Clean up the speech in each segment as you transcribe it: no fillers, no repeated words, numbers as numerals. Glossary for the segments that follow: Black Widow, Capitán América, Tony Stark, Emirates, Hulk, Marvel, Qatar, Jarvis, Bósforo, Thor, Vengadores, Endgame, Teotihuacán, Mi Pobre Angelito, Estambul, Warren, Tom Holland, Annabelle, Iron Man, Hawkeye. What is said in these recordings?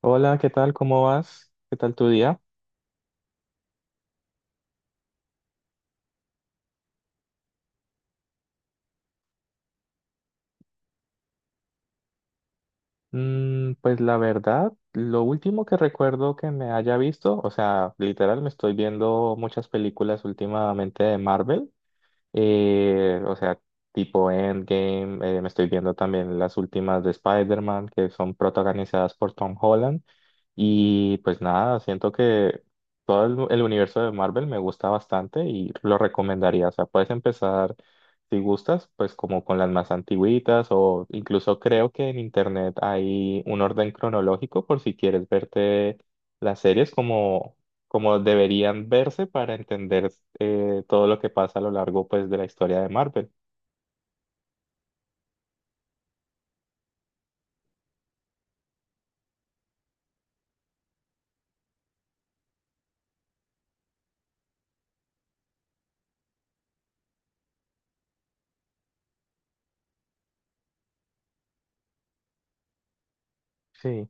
Hola, ¿qué tal? ¿Cómo vas? ¿Qué tal tu día? Pues la verdad, lo último que recuerdo que me haya visto, o sea, literal me estoy viendo muchas películas últimamente de Marvel. O sea, tipo Endgame, me estoy viendo también las últimas de Spider-Man que son protagonizadas por Tom Holland. Y pues nada, siento que todo el universo de Marvel me gusta bastante y lo recomendaría. O sea, puedes empezar si gustas, pues como con las más antiguitas, o incluso creo que en internet hay un orden cronológico por si quieres verte las series como deberían verse para entender todo lo que pasa a lo largo pues de la historia de Marvel. Sí.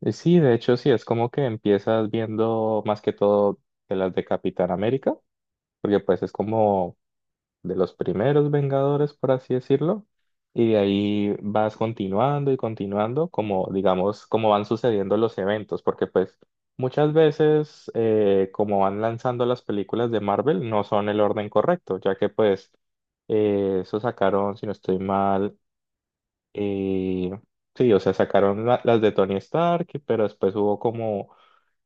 Sí, de hecho sí, es como que empiezas viendo más que todo de las de Capitán América, porque pues es como de los primeros Vengadores, por así decirlo, y de ahí vas continuando y continuando, como digamos, como van sucediendo los eventos, porque pues muchas veces como van lanzando las películas de Marvel no son el orden correcto, ya que pues eso sacaron, si no estoy mal, eh, sí, o sea, sacaron las de Tony Stark, pero después hubo como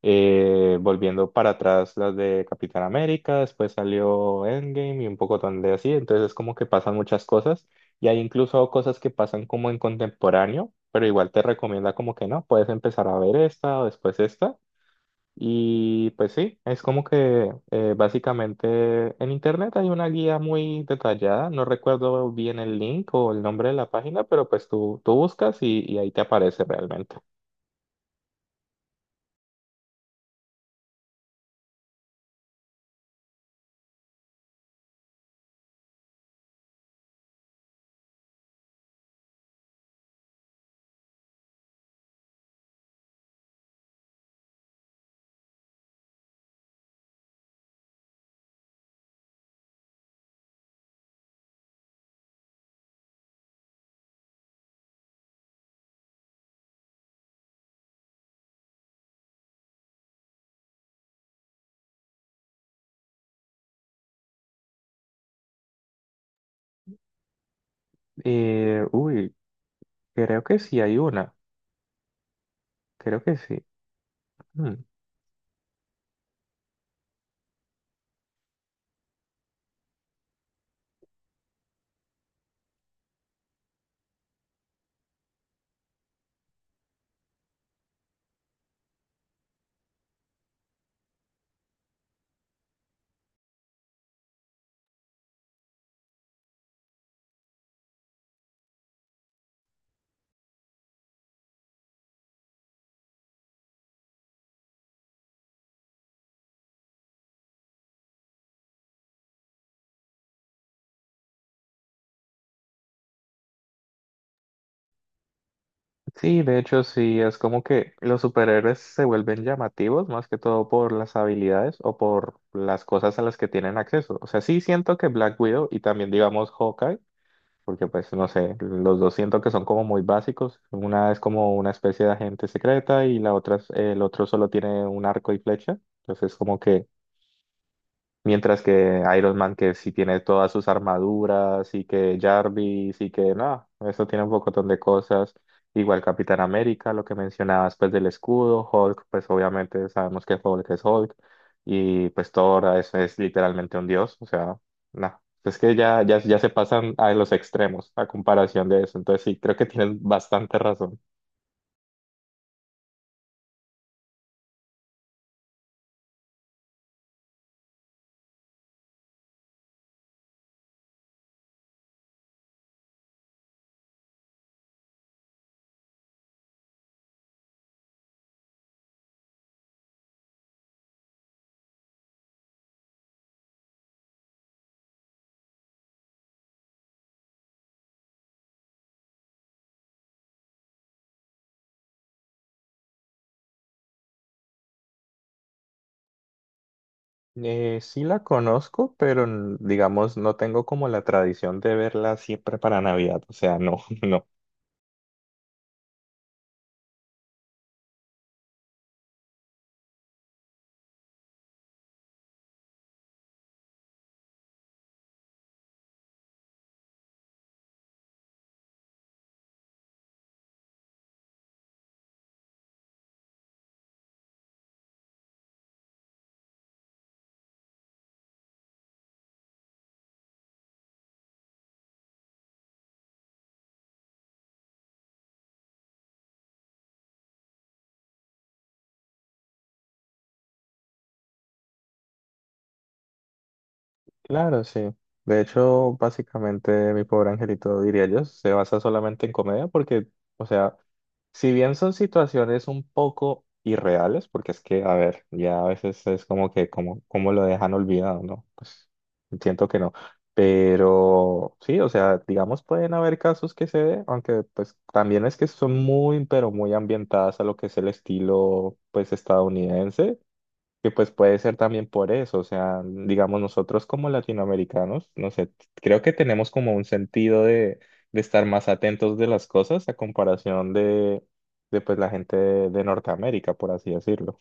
volviendo para atrás las de Capitán América, después salió Endgame y un poco de así, entonces es como que pasan muchas cosas y hay incluso cosas que pasan como en contemporáneo, pero igual te recomienda como que no, puedes empezar a ver esta o después esta. Y pues sí, es como que básicamente en internet hay una guía muy detallada, no recuerdo bien el link o el nombre de la página, pero pues tú buscas y ahí te aparece realmente. Uy, creo que sí hay una, creo que sí. Hmm. Sí, de hecho sí, es como que los superhéroes se vuelven llamativos más que todo por las habilidades o por las cosas a las que tienen acceso. O sea, sí siento que Black Widow y también digamos Hawkeye, porque pues no sé, los dos siento que son como muy básicos. Una es como una especie de agente secreta y la otra el otro solo tiene un arco y flecha. Entonces como que mientras que Iron Man, que sí tiene todas sus armaduras, y que Jarvis, y que no, eso tiene un pocotón de cosas. Igual Capitán América, lo que mencionabas, pues del escudo, Hulk, pues obviamente sabemos que Hulk es Hulk, y pues Thor ah, es literalmente un dios, o sea, no, es que ya se pasan a los extremos a comparación de eso, entonces sí, creo que tienes bastante razón. Sí la conozco, pero digamos, no tengo como la tradición de verla siempre para Navidad, o sea, no, no. Claro, sí. De hecho, básicamente Mi Pobre Angelito, diría yo, se basa solamente en comedia porque, o sea, si bien son situaciones un poco irreales, porque es que, a ver, ya a veces es como que, como lo dejan olvidado, ¿no? Pues siento que no. Pero sí, o sea, digamos, pueden haber casos que se dé, aunque pues también es que son muy, pero muy ambientadas a lo que es el estilo, pues, estadounidense. Que pues puede ser también por eso, o sea, digamos nosotros como latinoamericanos, no sé, creo que tenemos como un sentido de estar más atentos de las cosas a comparación de pues la gente de Norteamérica, por así decirlo.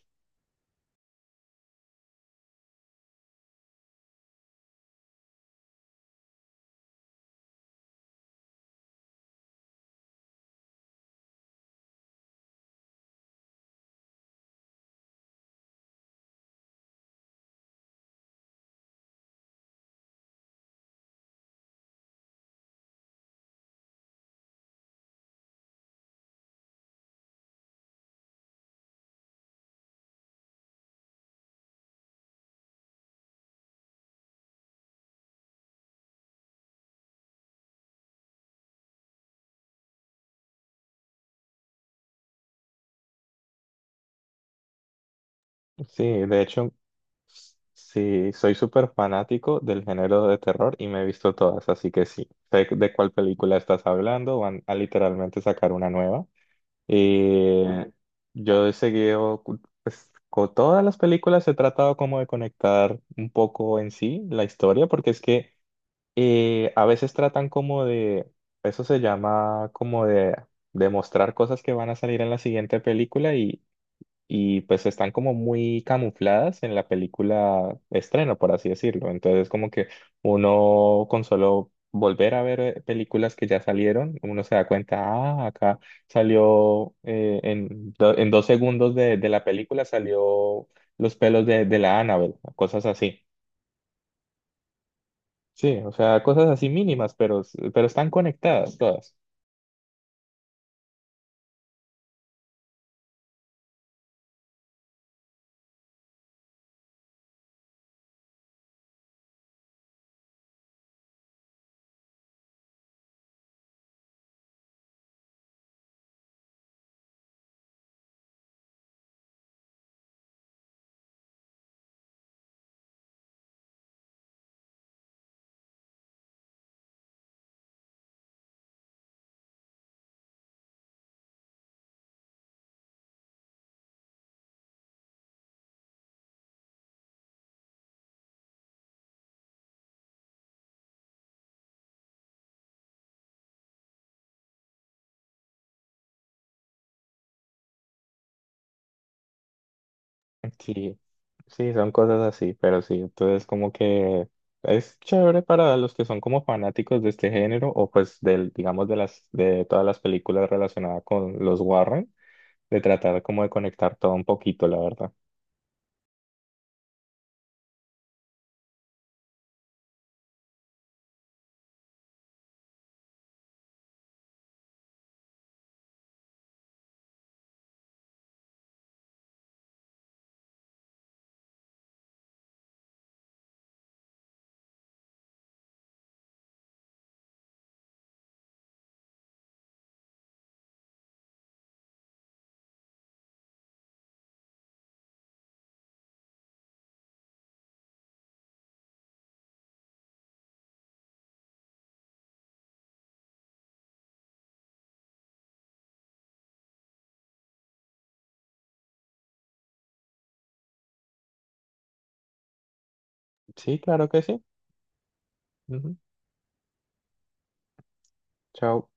Sí, de hecho, sí, soy súper fanático del género de terror y me he visto todas, así que sí, sé de cuál película estás hablando, van a literalmente sacar una nueva. Y yo he seguido, pues, con todas las películas he tratado como de conectar un poco en sí la historia, porque es que a veces tratan como de, eso se llama como de demostrar cosas que van a salir en la siguiente película, y pues están como muy camufladas en la película estreno, por así decirlo. Entonces como que uno con solo volver a ver películas que ya salieron, uno se da cuenta, ah, acá salió en 2 segundos de la película salió los pelos de la Annabelle, cosas así. Sí, o sea, cosas así mínimas, pero están conectadas todas. Sí, sí, son cosas así, pero sí, entonces como que es chévere para los que son como fanáticos de este género o pues del, digamos, de todas las películas relacionadas con los Warren, de tratar como de conectar todo un poquito, la verdad. Sí, claro que sí. Ujú. Chao.